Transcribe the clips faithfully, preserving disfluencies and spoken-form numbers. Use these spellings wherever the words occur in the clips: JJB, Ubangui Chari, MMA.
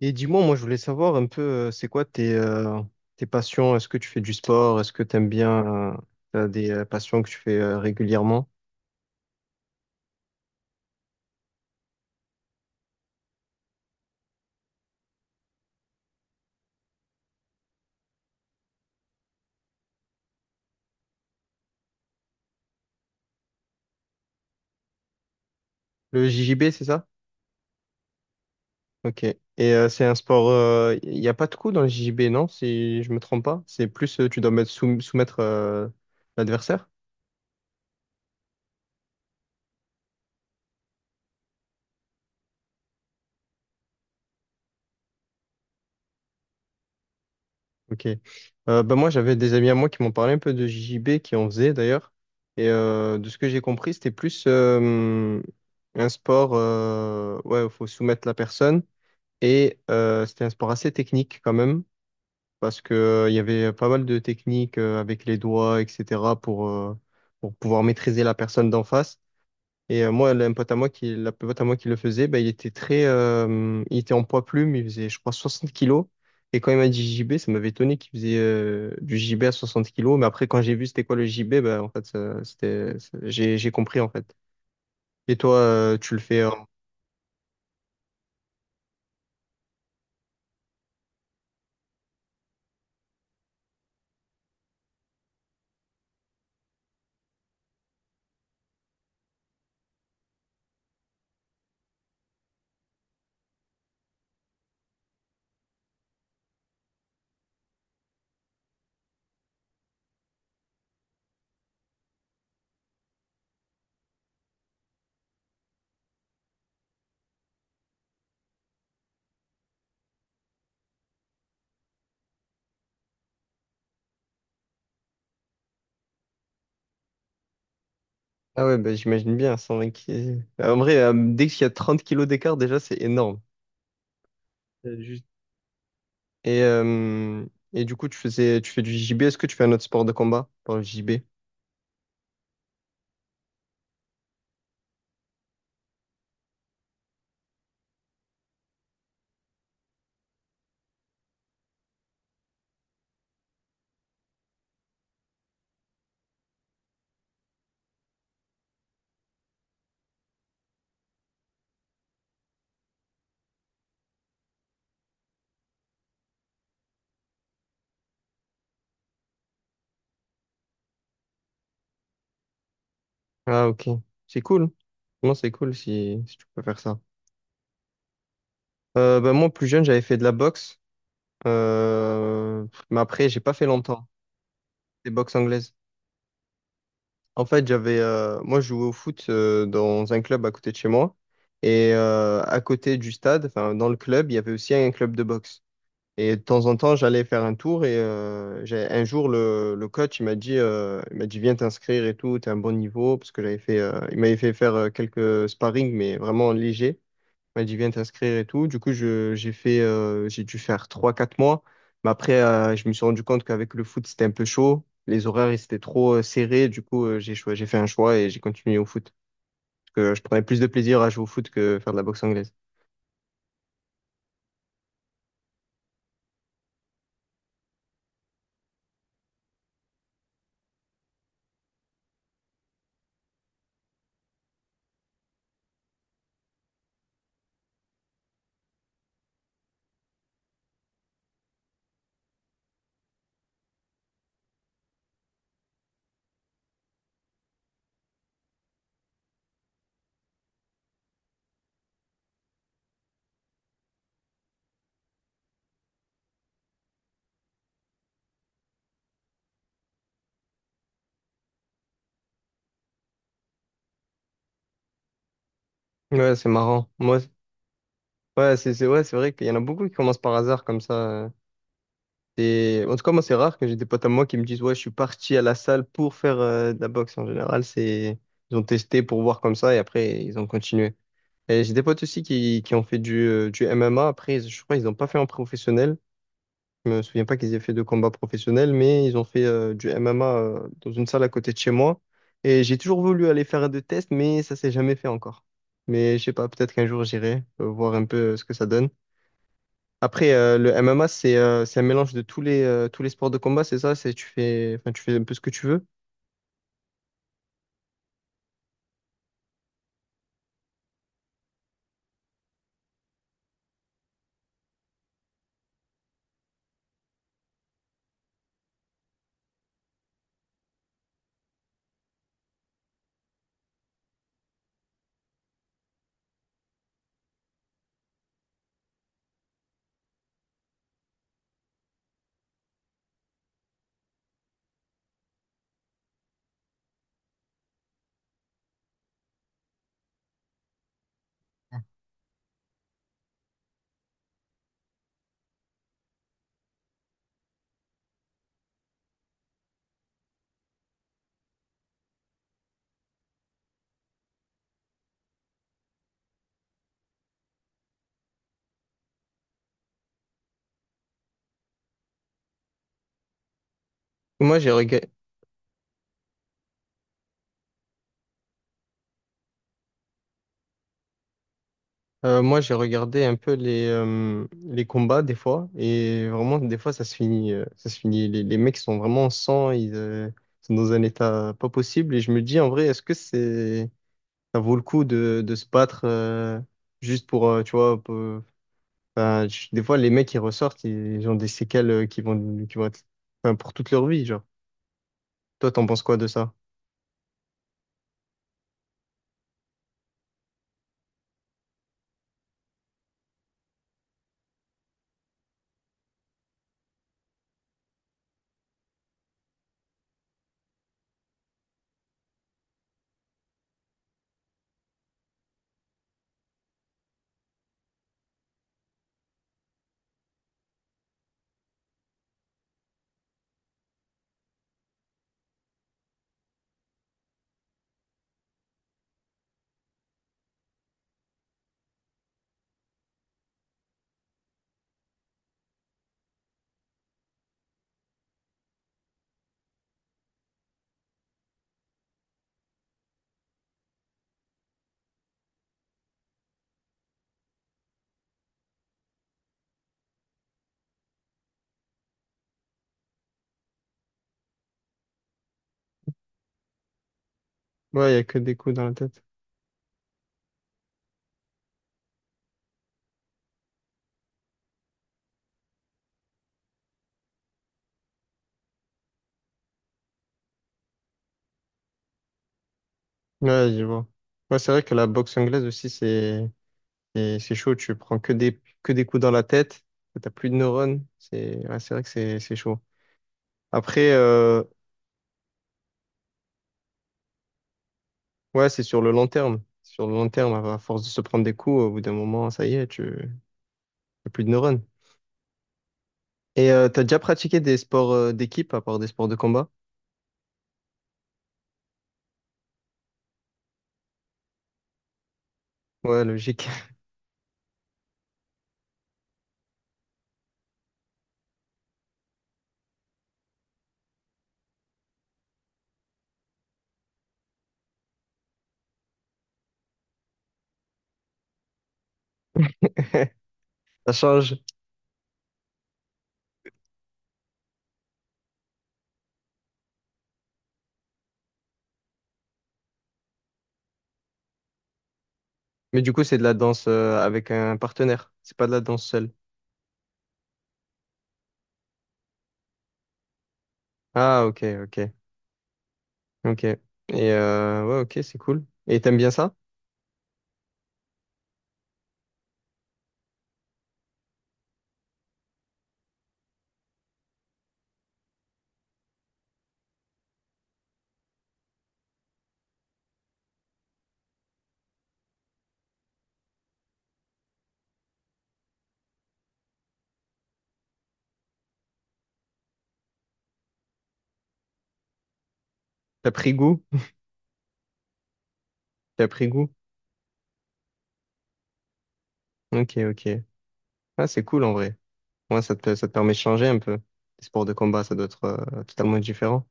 Et dis-moi, moi je voulais savoir un peu, euh, c'est quoi tes, euh, tes passions? Est-ce que tu fais du sport? Est-ce que tu aimes bien, euh, t'as des euh, passions que tu fais euh, régulièrement? Le J J B, c'est ça? Ok. Et euh, c'est un sport, il n'y a pas de coup dans le J J B, non? Si je me trompe pas. C'est plus, euh, tu dois mettre soum- soumettre euh, l'adversaire? Ok. Euh, bah moi, j'avais des amis à moi qui m'ont parlé un peu de J J B, qui en faisaient d'ailleurs. Et euh, de ce que j'ai compris, c'était plus euh, un sport, euh, ouais, il faut soumettre la personne. Et euh, c'était un sport assez technique quand même, parce que euh, il y avait pas mal de techniques euh, avec les doigts, et cetera, pour, euh, pour pouvoir maîtriser la personne d'en face. Et euh, moi, un pote à moi qui, la pote à moi qui le faisait, ben, il était très, euh, il était en poids plume, il faisait, je crois, soixante kilos. Et quand il m'a dit J B, ça m'avait étonné qu'il faisait euh, du J B à soixante kilos. Mais après, quand j'ai vu c'était quoi le J B, ben, en fait, ça- c'était, c'est- j'ai, j'ai compris, en fait. Et toi, euh, tu le fais. Ah ouais, bah, j'imagine bien, cent vingt kilos. En vrai, euh, dès qu'il y a trente kilos d'écart, déjà, c'est énorme. Euh, juste- Et, euh, et du coup, tu faisais, tu fais du J B. Est-ce que tu fais un autre sport de combat par le J B? Ah, ok. C'est cool. Non, c'est cool si, si tu peux faire ça. Euh, bah, moi, plus jeune, j'avais fait de la boxe. Euh, mais après, j'ai pas fait longtemps. Des boxes anglaises. En fait, j'avais, euh, moi, je jouais au foot euh, dans un club à côté de chez moi. Et euh, à côté du stade, enfin, dans le club, il y avait aussi un club de boxe. Et de temps en temps, j'allais faire un tour et euh, j'ai, un jour, le, le coach, il m'a dit, euh, il m'a dit, viens t'inscrire et tout, t'es à un bon niveau, parce que j'avais fait, euh, il m'avait fait faire euh, quelques sparring, mais vraiment léger. Il m'a dit, viens t'inscrire et tout. Du coup, je, j'ai fait, euh, j'ai dû faire trois quatre mois. Mais après, euh, je me suis rendu compte qu'avec le foot, c'était un peu chaud. Les horaires, ils étaient trop euh, serrés. Du coup, euh, j'ai choi- j'ai fait un choix et j'ai continué au foot. Parce que je prenais plus de plaisir à jouer au foot que faire de la boxe anglaise. Ouais, c'est marrant. Moi, ouais, c'est c'est ouais, c'est vrai qu'il y en a beaucoup qui commencent par hasard comme ça. euh. Et en tout cas, moi, c'est rare que j'ai des potes à moi qui me disent, ouais, je suis parti à la salle pour faire euh, de la boxe. En général, c'est ils ont testé pour voir comme ça et après ils ont continué. Et j'ai des potes aussi qui, qui ont fait du, euh, du M M A. Après, ils- je crois qu'ils n'ont pas fait en professionnel. Je me souviens pas qu'ils aient fait de combat professionnel, mais ils ont fait euh, du M M A euh, dans une salle à côté de chez moi. Et j'ai toujours voulu aller faire des tests, mais ça s'est jamais fait encore. Mais je sais pas, peut-être qu'un jour j'irai euh, voir un peu euh, ce que ça donne. Après, euh, le M M A, c'est euh, c'est un mélange de tous les, euh, tous les sports de combat, c'est ça? C'est, tu fais, enfin, tu fais un peu ce que tu veux. Moi, j'ai rega- euh, moi, j'ai regardé un peu les, euh, les combats des fois, et vraiment, des fois, ça se finit. euh, ça se finit. Les, les mecs sont vraiment en sang, ils euh, sont dans un état pas possible, et je me dis, en vrai, est-ce que c'est, ça vaut le coup de, de se battre euh, juste pour, euh, tu vois, pour- enfin, je- des fois, les mecs, ils ressortent, ils ont des séquelles euh, qui vont, qui vont être, enfin, pour toute leur vie, genre. Toi, t'en penses quoi de ça? Ouais, il y a que des coups dans la tête. Ouais, je vois. Ouais, c'est vrai que la boxe anglaise aussi, c'est c'est c'est chaud. Tu prends que des que des coups dans la tête. T'as plus de neurones. C'est ouais, c'est vrai que c'est c'est chaud. Après, euh, ouais, c'est sur le long terme. Sur le long terme, à force de se prendre des coups, au bout d'un moment, ça y est, tu t'as plus de neurones. Et euh, t'as déjà pratiqué des sports euh, d'équipe à part des sports de combat? Ouais, logique. Ça change. Mais du coup, c'est de la danse euh, avec un partenaire. C'est pas de la danse seule. Ah, ok, ok, ok. Et euh, ouais, ok, c'est cool. Et t'aimes bien ça? T'as pris goût? T'as pris goût? Ok, ok. Ah, c'est cool en vrai. Ouais, ça te, ça te permet de changer un peu. Les sports de combat, ça doit être euh, totalement différent.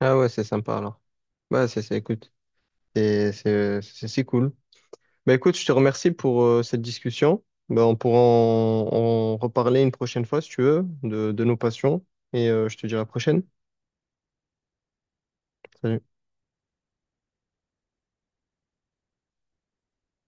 Ah ouais, c'est sympa alors. Bah, c'est, c'est, écoute, c'est, c'est, c'est c'est cool. Bah, écoute, je te remercie pour euh, cette discussion. Bah, on pourra en, en reparler une prochaine fois si tu veux de, de nos passions. Et euh, je te dis à la prochaine. Salut.